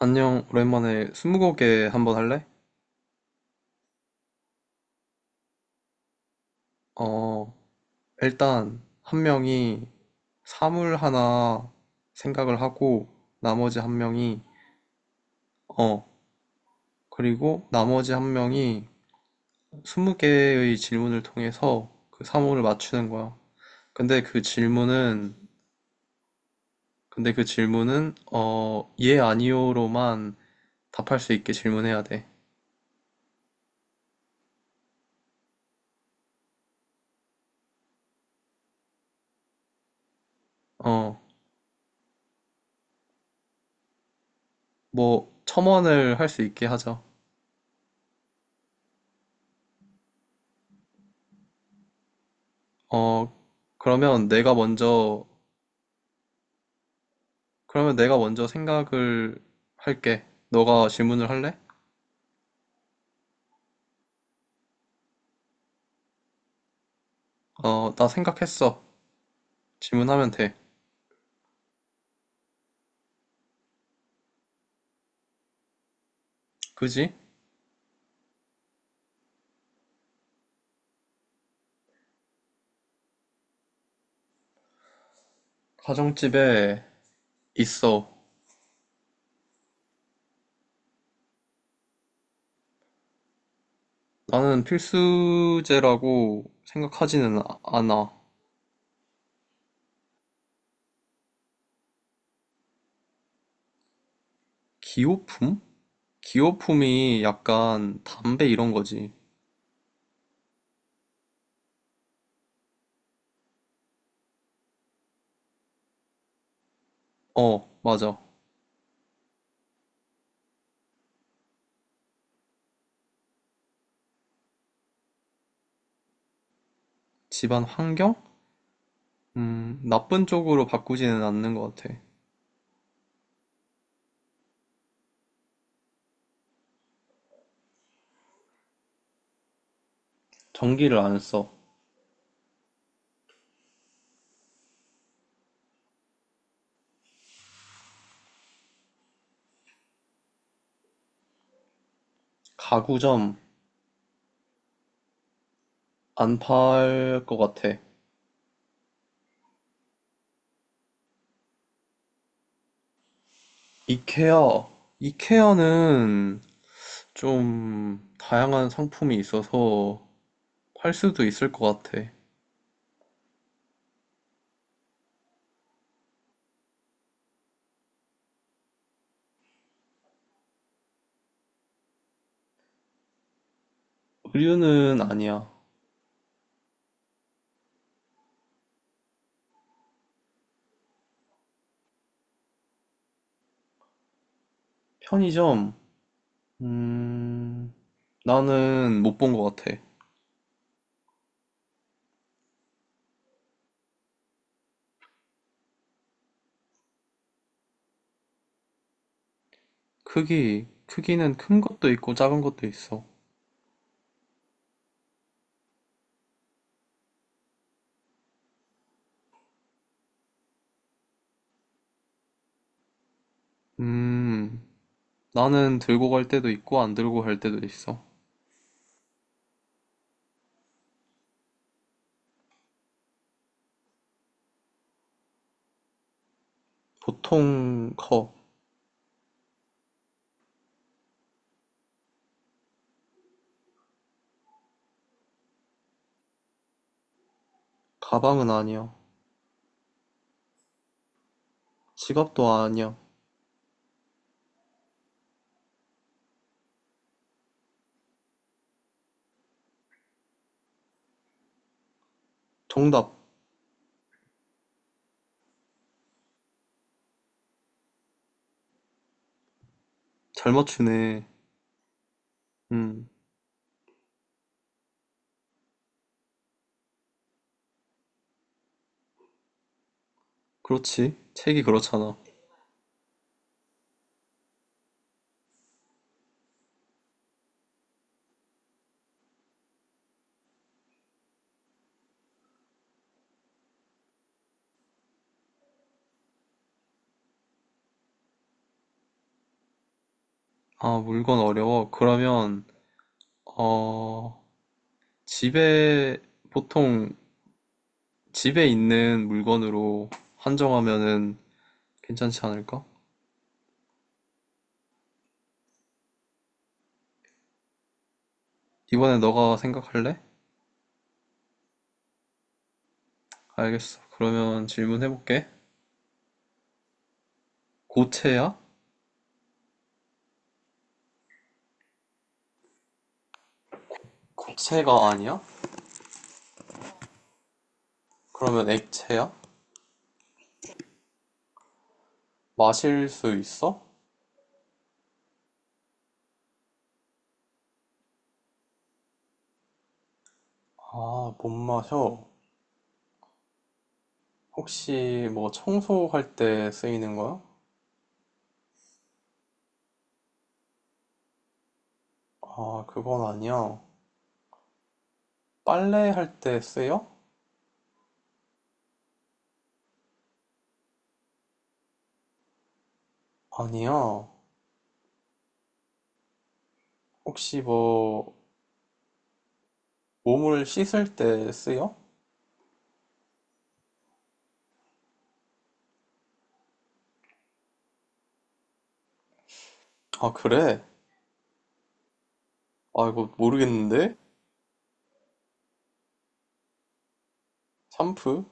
안녕, 오랜만에 스무고개 한번 할래? 어, 일단 한 명이 사물 하나 생각을 하고 나머지 한 명이 어, 그리고 나머지 한 명이 스무 개의 질문을 통해서 그 사물을 맞추는 거야. 근데 그 질문은 근데 그 질문은 예 아니오로만 답할 수 있게 질문해야 돼. 어, 뭐 첨언을 할 수 있게 하자. 어, 그러면 내가 먼저 그러면 내가 먼저 생각을 할게. 너가 질문을 할래? 어, 나 생각했어. 질문하면 돼. 그지? 가정집에 있어. 나는 필수제라고 생각하지는 않아. 기호품? 기호품이 약간 담배 이런 거지. 어, 맞아. 집안 환경? 나쁜 쪽으로 바꾸지는 않는 것 같아. 전기를 안 써. 가구점 안 팔 것 같아. 이케아. 이케아는 좀 다양한 상품이 있어서 할 수도 있을 것 같아. 의류는 아니야. 편의점, 음, 나는 못 본 것 같아. 크기는 큰 것도 있고 작은 것도 있어. 음, 나는 들고 갈 때도 있고 안 들고 갈 때도 있어. 보통 커. 가방은 아니야. 지갑도 아니야. 정답. 잘 맞추네. 음, 그렇지. 책이 그렇잖아. 아, 물건 어려워. 그러면, 어, 집에 보통 집에 있는 물건으로 한정하면은 괜찮지 않을까? 이번에 너가 생각할래? 알겠어. 그러면 질문해볼게. 고체야? 고체가 아니야? 그러면 액체야? 마실 수 있어? 아, 못 마셔. 혹시 뭐 청소할 때 쓰이는 거야? 아, 그건 아니야. 빨래할 때 쓰여? 아니야. 혹시 뭐 몸을 씻을 때 쓰여? 아, 그래. 아, 이거 모르겠는데? 샴푸?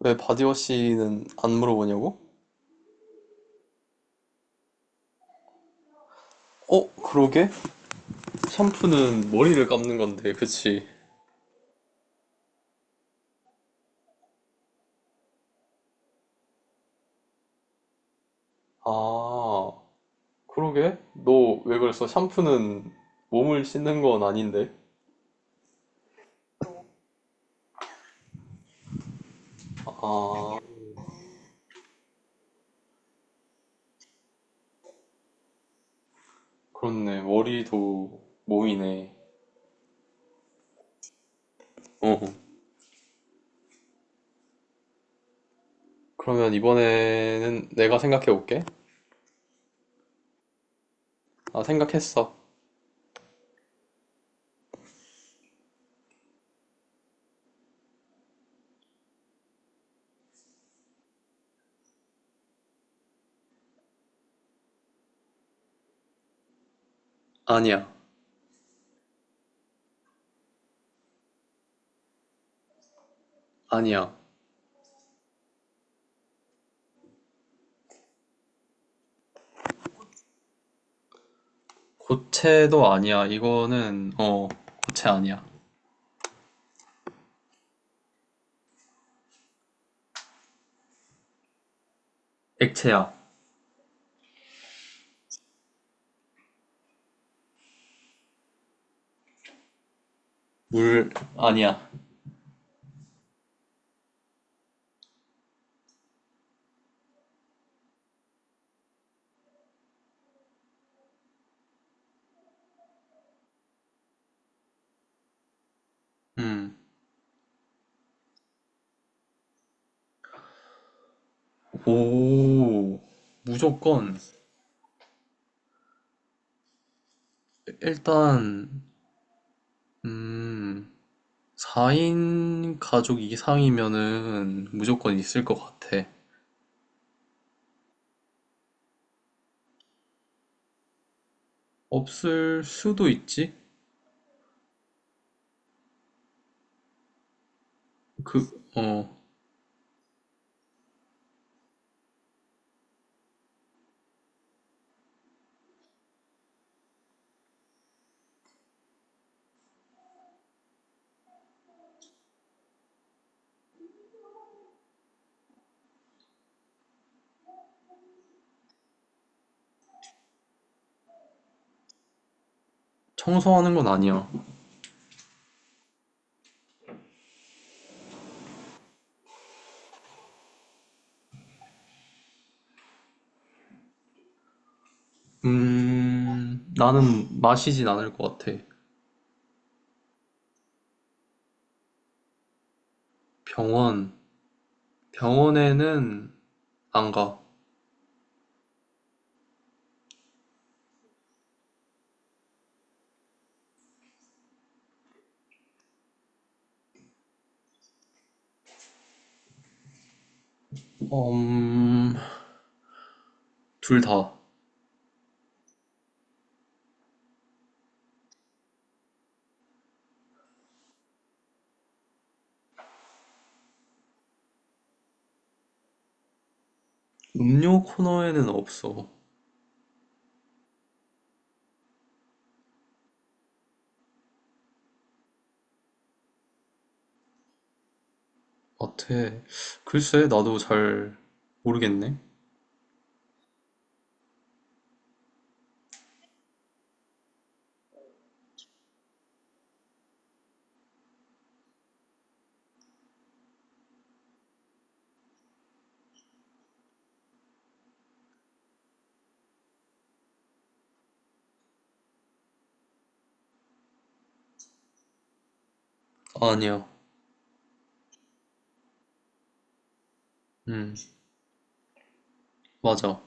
왜 바디워시는 안 물어보냐고? 어, 그러게? 샴푸는 머리를 감는 건데, 그치? 아, 그러게? 너 왜 그랬어? 샴푸는 몸을 씻는 건 아닌데? 아, 그렇네. 머리도 모이네. 어. 그러면 이번에는 내가 생각해 볼게. 아, 생각했어. 아니야. 아니야. 고체도 아니야. 고체 아니야. 액체야. 물 아니야. 음. 오, 무조건, 일단, 음, 4인 가족 이상이면은 무조건 있을 것 같아. 없을 수도 있지? 그, 어, 청소하는 건 아니야. 나는 마시진 않을 것 같아. 병원, 병원에는 안 가. 음, 둘 다. 음료 코너에는 없어. 같아. 글쎄, 나도 잘 모르겠네. 아니야. 음, 맞아.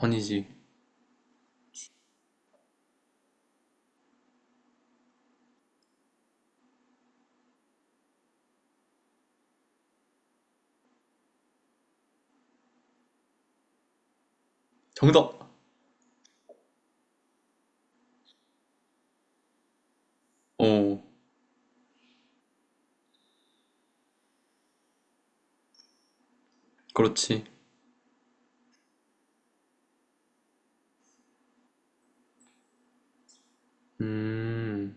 아니지. 정답! 어, 그렇지. 음,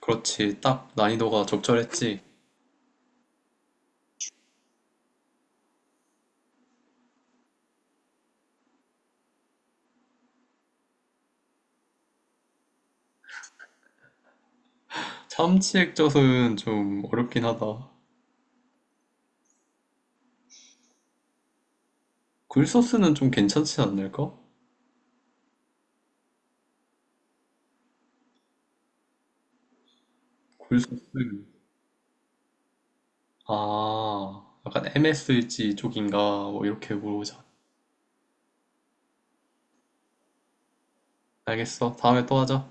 그렇지. 딱 난이도가 적절했지. 참치 액젓은 좀 어렵긴 하다. 굴소스는 좀 괜찮지 않을까? 굴소스. 아, 약간 MSG 쪽인가? 뭐 이렇게 물어보자. 알겠어. 다음에 또 하자.